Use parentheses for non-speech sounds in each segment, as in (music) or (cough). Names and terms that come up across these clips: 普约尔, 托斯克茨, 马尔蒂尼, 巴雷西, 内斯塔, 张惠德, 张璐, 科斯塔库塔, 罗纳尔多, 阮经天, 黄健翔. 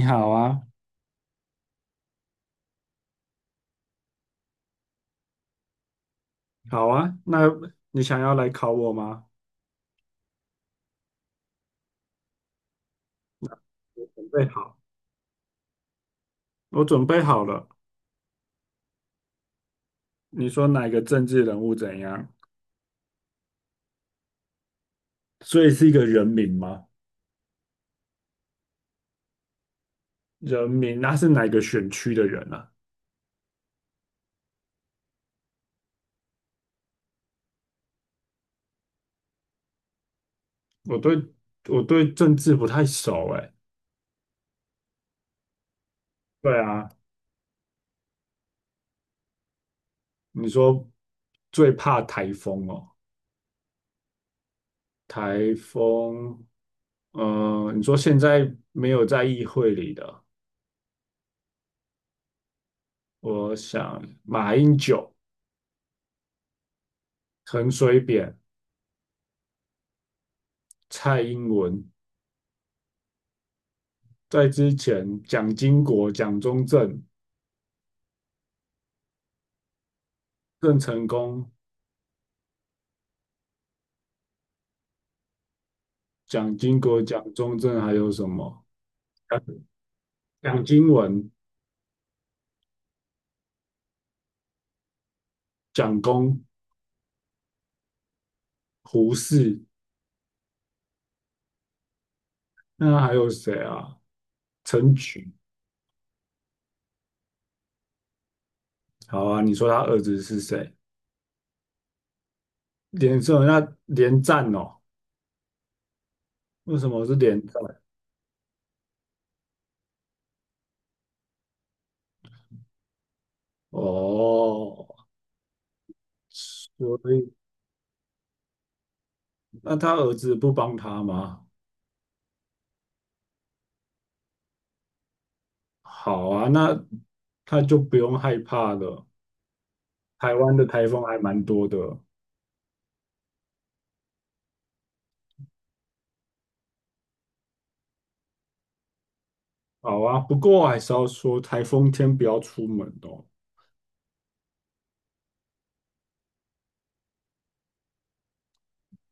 你好啊，好啊，那你想要来考我吗？我准备好我准备好了。你说哪个政治人物怎样？所以是一个人名吗？人民，那是哪个选区的人啊？我对我对政治不太熟哎，对啊，你说最怕台风哦，台风，你说现在没有在议会里的，我想马英九、陈水扁、蔡英文在之前，蒋经国、蒋中正、郑成功、蒋经国、蒋中正，还有什么？蒋蒋经文、蒋公、胡适，那还有谁啊？陈群，好啊，你说他儿子是谁？连胜，那连战哦？为什么是连战？哦，所以那他儿子不帮他吗？好啊，那他就不用害怕了。台湾的台风还蛮多的。好啊，不过我还是要说，台风天不要出门哦，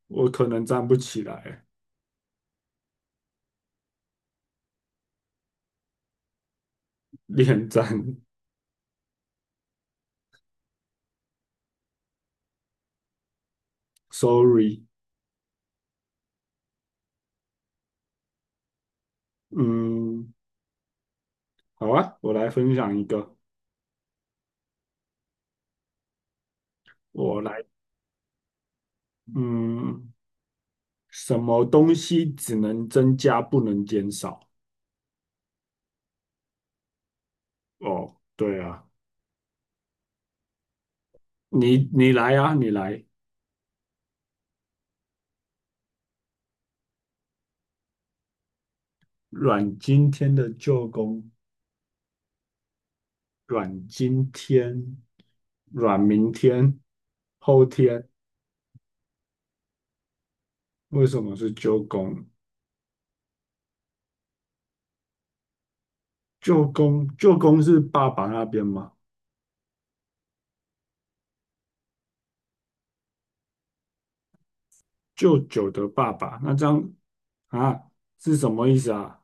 我可能站不起来，脸站 (laughs)，sorry。嗯，好啊，我来分享一个，我来，嗯，什么东西只能增加不能减少？哦，对啊，你来啊，你来，阮经天的舅公，阮经天，阮明天，后天，为什么是舅公？舅公，舅公是爸爸那边嘛？舅舅的爸爸，那张啊是什么意思啊？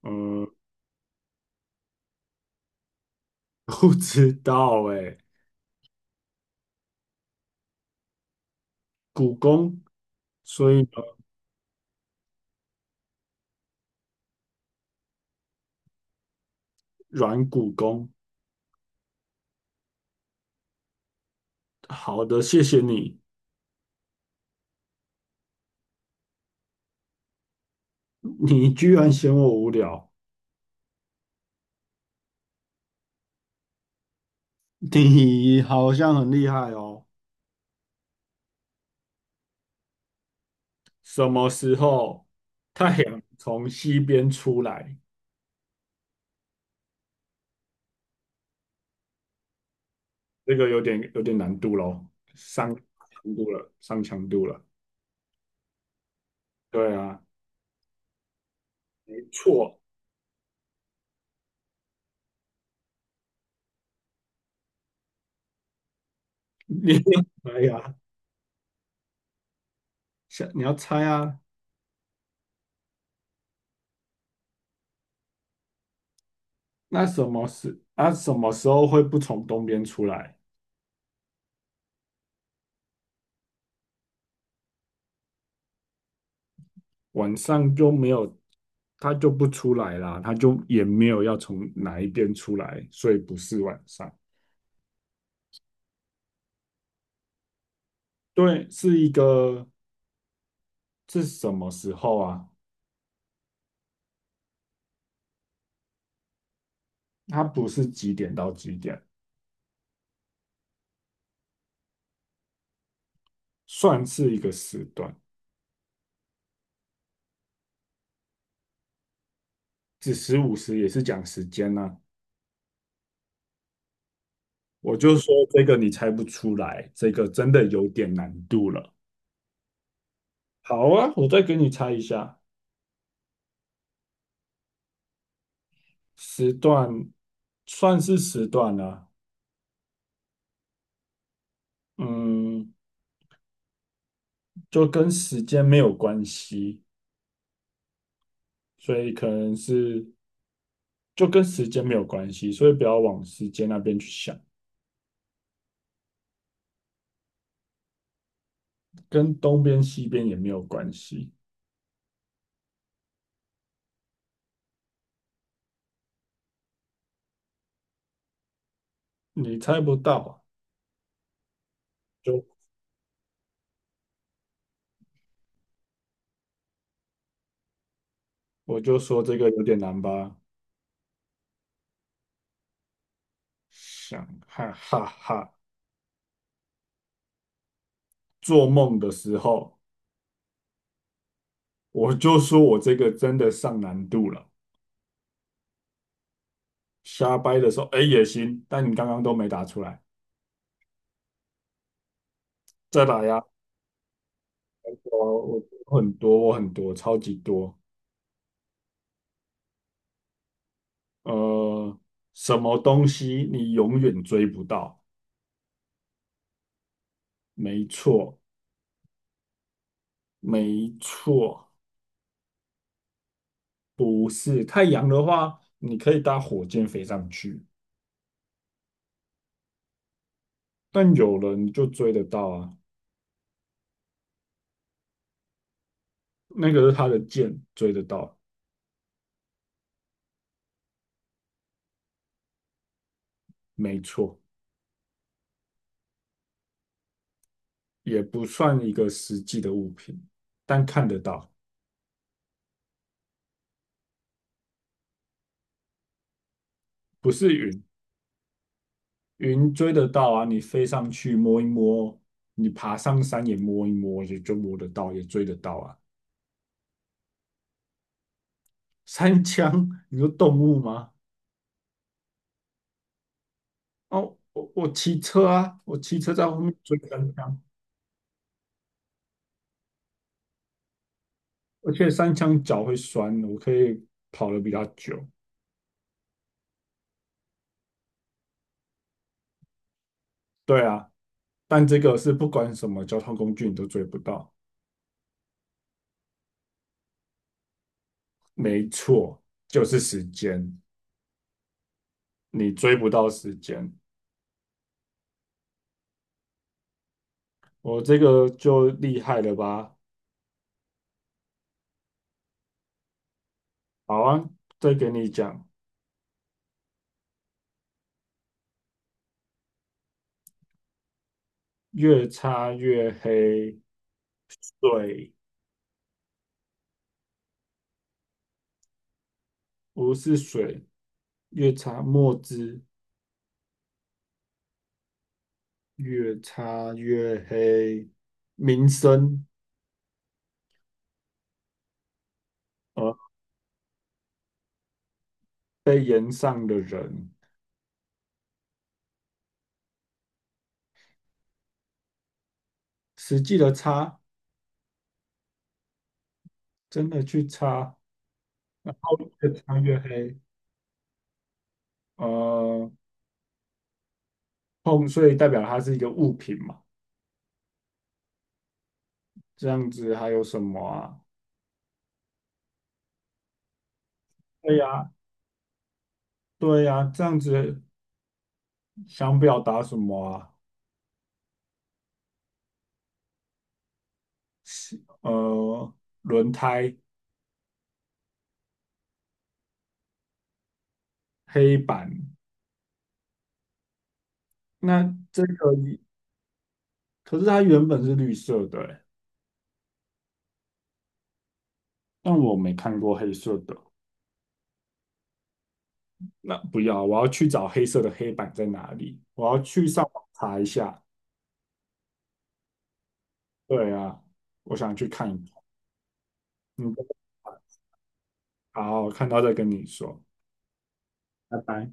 呃，(laughs) 不知道哎。股肱，所以呢，软骨肱。好的，谢谢你，你居然嫌我无聊，你好像很厉害哦。什么时候太阳从西边出来？这个有点难度喽，上强度了，上强度了。对啊，没错。你 (laughs) 可以啊，想你要猜啊，那什么时候会不从东边出来？晚上就没有，它就不出来啦，它就也没有要从哪一边出来，所以不是晚上。对，是一个是什么时候啊？它不是几点到几点，算是一个时段，子时午时也是讲时间呢、我就说这个你猜不出来，这个真的有点难度了。好啊，我再给你猜一下。时段算是时段啦、嗯，就跟时间没有关系，所以可能是就跟时间没有关系，所以不要往时间那边去想，跟东边西边也没有关系，你猜不到啊就我就说这个有点难吧，想哈哈哈，做梦的时候我就说我这个真的上难度了，瞎掰的时候哎也行，但你刚刚都没答出来，再来呀、我很多，我很多，超级多。呃，什么东西你永远追不到？没错，没错，不是太阳的话，你可以搭火箭飞上去，但有人就追得到啊。那个是他的箭，追得到，没错，也不算一个实际的物品，但看得到，不是云，云追得到啊，你飞上去摸一摸，你爬上山也摸一摸，也就摸得到，也追得到啊。三枪，你说动物吗？哦，我骑车啊，我骑车在后面追三枪，而且三枪脚会酸，我可以跑得比较久。对啊，但这个是不管什么交通工具你都追不到。没错，就是时间，你追不到时间，我这个就厉害了吧？好啊，再给你讲，越擦越黑，水不是水，越擦墨汁。越擦越黑，名声呃，被延上的人，实际的擦，真的去擦，然后越擦越黑，呃，碰，所以代表它是一个物品嘛，这样子还有什么啊？对呀，对呀，这样子想表达什么啊？呃，轮胎、黑板，那这个，可是它原本是绿色的欸，但我没看过黑色的。那不要，我要去找黑色的黑板在哪里，我要去上网查一下。对啊，我想去看一看。嗯，好，看到再跟你说，拜拜。